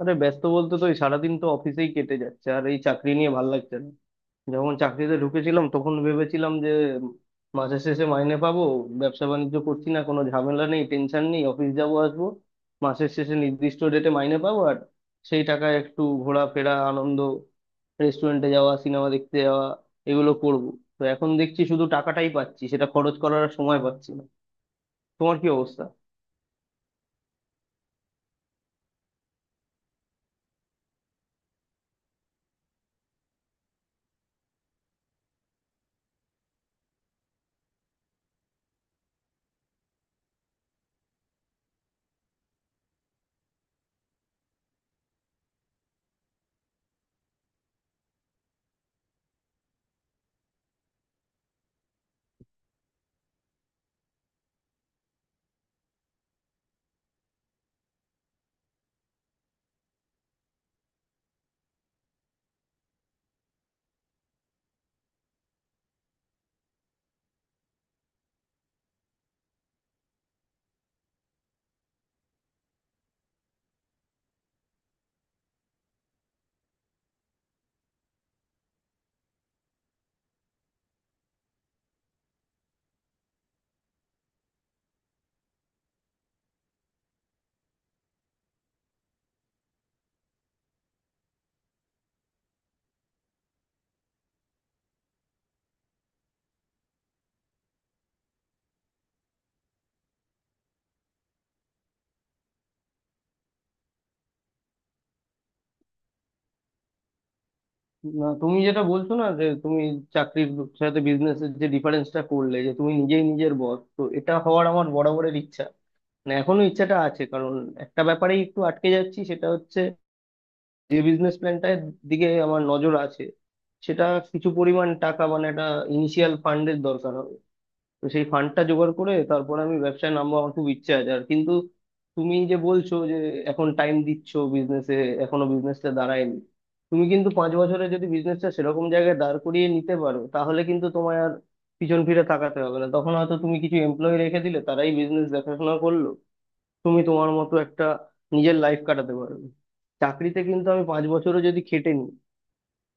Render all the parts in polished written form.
আরে, ব্যস্ত বলতে তো এই সারাদিন তো অফিসেই কেটে যাচ্ছে, আর এই চাকরি নিয়ে ভাল লাগছে না। যখন চাকরিতে ঢুকেছিলাম তখন ভেবেছিলাম যে মাসের শেষে মাইনে পাবো, ব্যবসা বাণিজ্য করছি না, কোনো ঝামেলা নেই, টেনশন নেই, অফিস যাবো আসবো, মাসের শেষে নির্দিষ্ট ডেটে মাইনে পাবো, আর সেই টাকায় একটু ঘোরাফেরা, আনন্দ, রেস্টুরেন্টে যাওয়া, সিনেমা দেখতে যাওয়া, এগুলো করব। তো এখন দেখছি শুধু টাকাটাই পাচ্ছি, সেটা খরচ করার আর সময় পাচ্ছি না। তোমার কি অবস্থা? না, তুমি যেটা বলছো না, যে তুমি চাকরির সাথে বিজনেসের যে ডিফারেন্সটা করলে যে তুমি নিজেই নিজের বস, তো এটা হওয়ার আমার বরাবরের ইচ্ছা। মানে এখনো ইচ্ছাটা আছে, কারণ একটা ব্যাপারেই একটু আটকে যাচ্ছি। সেটা হচ্ছে যে বিজনেস প্ল্যানটার দিকে আমার নজর আছে, সেটা কিছু পরিমাণ টাকা মানে একটা ইনিশিয়াল ফান্ডের দরকার হবে। তো সেই ফান্ডটা জোগাড় করে তারপর আমি ব্যবসায় নামবো, আমার খুব ইচ্ছে আছে। আর কিন্তু তুমি যে বলছো যে এখন টাইম দিচ্ছ বিজনেসে, এখনো বিজনেসটা দাঁড়ায়নি। তুমি কিন্তু 5 বছরে যদি বিজনেসটা সেরকম জায়গায় দাঁড় করিয়ে নিতে পারো, তাহলে কিন্তু তোমায় আর পিছন ফিরে তাকাতে হবে না। তখন হয়তো তুমি কিছু এমপ্লয়ি রেখে দিলে, তারাই বিজনেস দেখাশোনা করলো, তুমি তোমার মতো একটা নিজের লাইফ কাটাতে পারবে। চাকরিতে কিন্তু আমি 5 বছরও যদি খেটে নিই,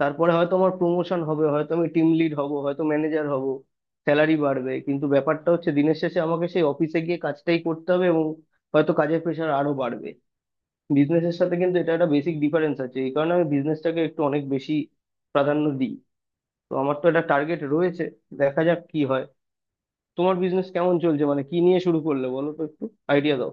তারপরে হয়তো আমার প্রমোশন হবে, হয়তো আমি টিম লিড হব, হয়তো ম্যানেজার হব, স্যালারি বাড়বে, কিন্তু ব্যাপারটা হচ্ছে দিনের শেষে আমাকে সেই অফিসে গিয়ে কাজটাই করতে হবে, এবং হয়তো কাজের প্রেশার আরো বাড়বে। বিজনেসের সাথে কিন্তু এটা একটা বেসিক ডিফারেন্স আছে, এই কারণে আমি বিজনেসটাকে একটু অনেক বেশি প্রাধান্য দিই। তো আমার তো একটা টার্গেট রয়েছে, দেখা যাক কি হয়। তোমার বিজনেস কেমন চলছে, মানে কি নিয়ে শুরু করলে বলো তো একটু, আইডিয়া দাও।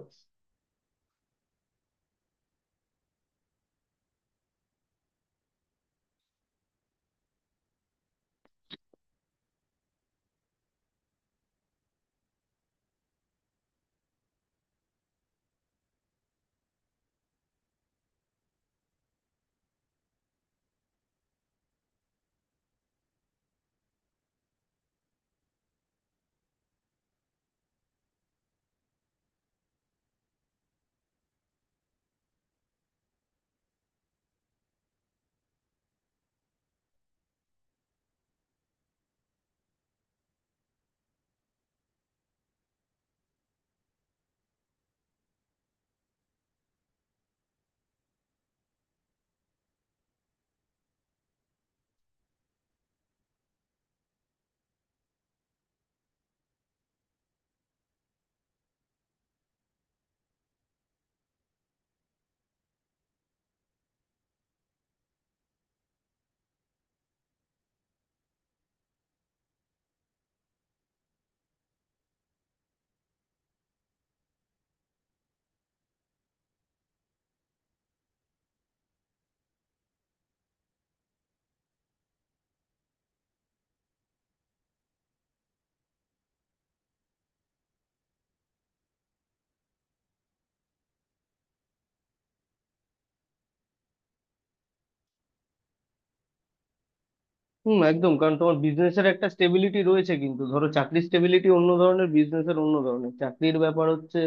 হুম, একদম। কারণ তোমার বিজনেসের একটা স্টেবিলিটি রয়েছে, কিন্তু ধরো চাকরির স্টেবিলিটি অন্য ধরনের, বিজনেসের অন্য ধরনের। চাকরির ব্যাপার হচ্ছে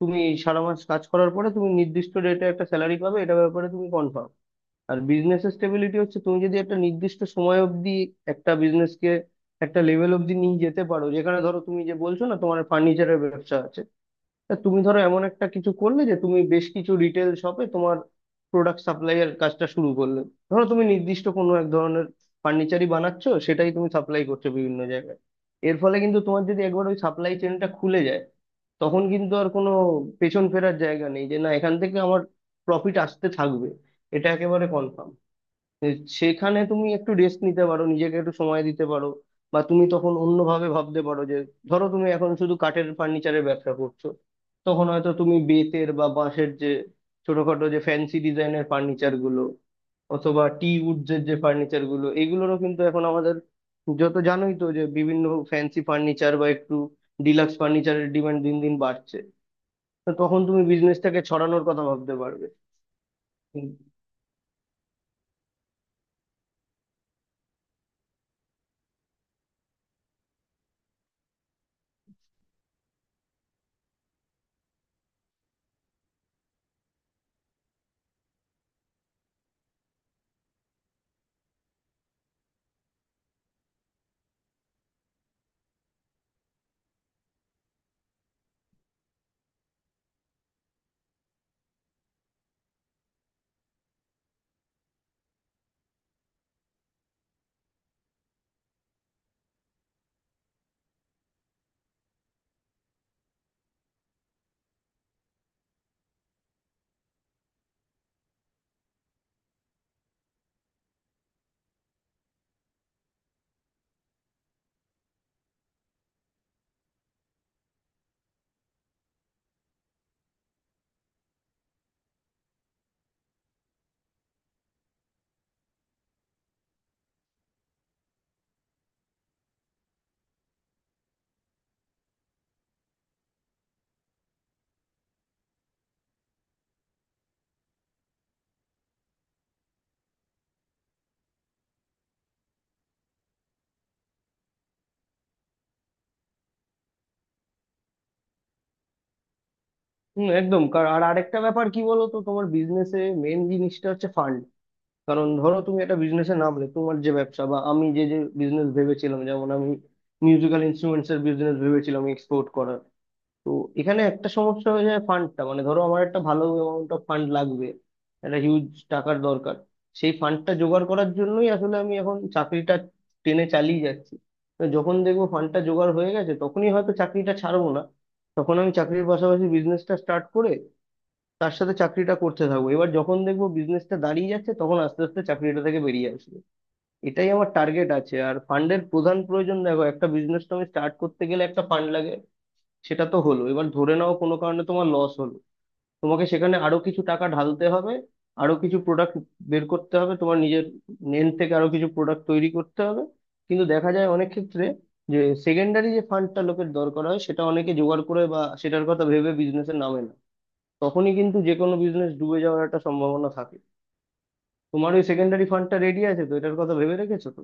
তুমি সারা মাস কাজ করার পরে তুমি নির্দিষ্ট রেটে একটা স্যালারি পাবে, এটা ব্যাপারে তুমি কনফার্ম। আর বিজনেস স্টেবিলিটি হচ্ছে তুমি যদি একটা নির্দিষ্ট সময় অবধি একটা বিজনেসকে একটা লেভেল অবধি নিয়ে যেতে পারো, যেখানে ধরো তুমি যে বলছো না, তোমার ফার্নিচারের ব্যবসা আছে, তা তুমি ধরো এমন একটা কিছু করলে যে তুমি বেশ কিছু রিটেল শপে তোমার প্রোডাক্ট সাপ্লাইয়ের কাজটা শুরু করলে। ধরো তুমি নির্দিষ্ট কোনো এক ধরনের ফার্নিচারই বানাচ্ছো, সেটাই তুমি সাপ্লাই করছো বিভিন্ন জায়গায়। এর ফলে কিন্তু তোমার যদি একবার ওই সাপ্লাই চেনটা খুলে যায়, তখন কিন্তু আর কোনো পেছন ফেরার জায়গা নেই, যে না এখান থেকে আমার প্রফিট আসতে থাকবে, এটা একেবারে কনফার্ম। এ, সেখানে তুমি একটু রেস্ট নিতে পারো, নিজেকে একটু সময় দিতে পারো। বা তুমি তখন অন্যভাবে ভাবতে পারো যে ধরো তুমি এখন শুধু কাঠের ফার্নিচারের ব্যবসা করছো, তখন হয়তো তুমি বেতের বা বাঁশের যে ছোটখাটো যে ফ্যান্সি ডিজাইনের ফার্নিচার গুলো, অথবা টি উডস এর যে ফার্নিচার গুলো, এগুলোরও কিন্তু এখন আমাদের, যত জানোই তো যে বিভিন্ন ফ্যান্সি ফার্নিচার বা একটু ডিলাক্স ফার্নিচারের ডিমান্ড দিন দিন বাড়ছে। তো তখন তুমি বিজনেসটাকে ছড়ানোর কথা ভাবতে পারবে। হুম, একদম কার-, আর আরেকটা ব্যাপার কি বলো তো, তোমার বিজনেসে মেন জিনিসটা হচ্ছে ফান্ড। কারণ ধরো তুমি একটা বিজনেসে নামলে তোমার যে ব্যবসা, বা আমি যে যে বিজনেস ভেবেছিলাম, যেমন আমি মিউজিক্যাল ইনস্ট্রুমেন্টস এর বিজনেস ভেবেছিলাম এক্সপোর্ট করার, তো এখানে একটা সমস্যা হয়ে যায় ফান্ডটা। মানে ধরো আমার একটা ভালো অ্যামাউন্ট অফ ফান্ড লাগবে, একটা হিউজ টাকার দরকার। সেই ফান্ডটা জোগাড় করার জন্যই আসলে আমি এখন চাকরিটা টেনে চালিয়ে যাচ্ছি। তো যখন দেখবো ফান্ডটা জোগাড় হয়ে গেছে, তখনই হয়তো চাকরিটা ছাড়বো না, তখন আমি চাকরির পাশাপাশি বিজনেসটা স্টার্ট করে তার সাথে চাকরিটা করতে থাকবো। এবার যখন দেখবো বিজনেসটা দাঁড়িয়ে যাচ্ছে, তখন আস্তে আস্তে চাকরিটা থেকে বেরিয়ে আসবো। এটাই আমার টার্গেট আছে। আর ফান্ডের প্রধান প্রয়োজন দেখো, একটা বিজনেস তো আমি স্টার্ট করতে গেলে একটা ফান্ড লাগে, সেটা তো হলো। এবার ধরে নাও কোনো কারণে তোমার লস হলো, তোমাকে সেখানে আরো কিছু টাকা ঢালতে হবে, আরো কিছু প্রোডাক্ট বের করতে হবে, তোমার নিজের এন্ড থেকে আরো কিছু প্রোডাক্ট তৈরি করতে হবে। কিন্তু দেখা যায় অনেক ক্ষেত্রে যে সেকেন্ডারি যে ফান্ডটা লোকের দরকার হয়, সেটা অনেকে জোগাড় করে বা সেটার কথা ভেবে বিজনেসে নামে না, তখনই কিন্তু যে কোনো বিজনেস ডুবে যাওয়ার একটা সম্ভাবনা থাকে। তোমার ওই সেকেন্ডারি ফান্ডটা রেডি আছে তো? এটার কথা ভেবে রেখেছো তো?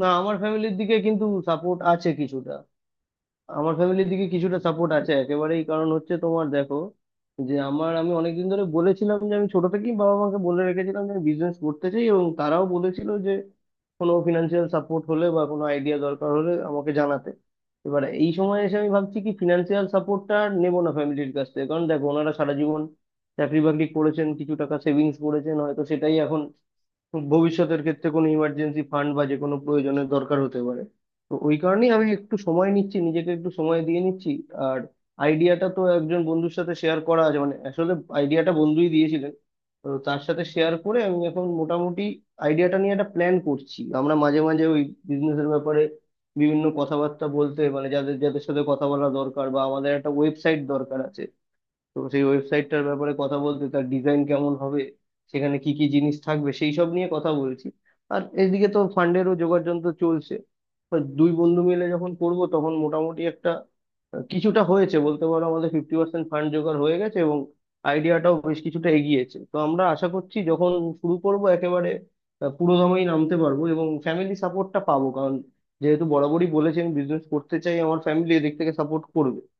না, আমার ফ্যামিলির দিকে কিন্তু সাপোর্ট আছে কিছুটা। আমার ফ্যামিলির দিকে কিছুটা সাপোর্ট আছে একেবারেই। কারণ হচ্ছে তোমার দেখো যে আমি অনেকদিন ধরে বলেছিলাম, যে আমি ছোট থেকেই বাবা মাকে বলে রেখেছিলাম যে আমি বিজনেস করতে চাই, এবং তারাও বলেছিল যে কোনো ফিনান্সিয়াল সাপোর্ট হলে বা কোনো আইডিয়া দরকার হলে আমাকে জানাতে। এবার এই সময় এসে আমি ভাবছি কি ফিনান্সিয়াল সাপোর্টটা আর নেবো না ফ্যামিলির কাছ থেকে, কারণ দেখো ওনারা সারা জীবন চাকরি বাকরি করেছেন, কিছু টাকা সেভিংস করেছেন, হয়তো সেটাই এখন ভবিষ্যতের ক্ষেত্রে কোনো ইমার্জেন্সি ফান্ড বা যে কোনো প্রয়োজনের দরকার হতে পারে। তো ওই কারণেই আমি একটু সময় নিচ্ছি, নিজেকে একটু সময় দিয়ে নিচ্ছি। আর আইডিয়াটা তো একজন বন্ধুর সাথে শেয়ার করা আছে, মানে আসলে আইডিয়াটা বন্ধুই দিয়েছিলেন। তো তার সাথে শেয়ার করে আমি এখন মোটামুটি আইডিয়াটা নিয়ে একটা প্ল্যান করছি। আমরা মাঝে মাঝে ওই বিজনেসের ব্যাপারে বিভিন্ন কথাবার্তা বলতে, মানে যাদের যাদের সাথে কথা বলা দরকার, বা আমাদের একটা ওয়েবসাইট দরকার আছে, তো সেই ওয়েবসাইটটার ব্যাপারে কথা বলতে, তার ডিজাইন কেমন হবে, সেখানে কি কি জিনিস থাকবে, সেই সব নিয়ে কথা বলছি। আর এদিকে তো ফান্ডেরও জোগাড় যন্ত্র চলছে। তো দুই বন্ধু মিলে যখন করব, তখন মোটামুটি একটা, কিছুটা হয়েছে বলতে পারো, আমাদের 50% ফান্ড জোগাড় হয়ে গেছে, এবং আইডিয়াটাও বেশ কিছুটা এগিয়েছে। তো আমরা আশা করছি যখন শুরু করব একেবারে পুরোদমেই নামতে পারবো, এবং ফ্যামিলি সাপোর্টটা পাবো, কারণ যেহেতু বরাবরই বলেছি আমি বিজনেস করতে চাই, আমার ফ্যামিলি এদিক থেকে সাপোর্ট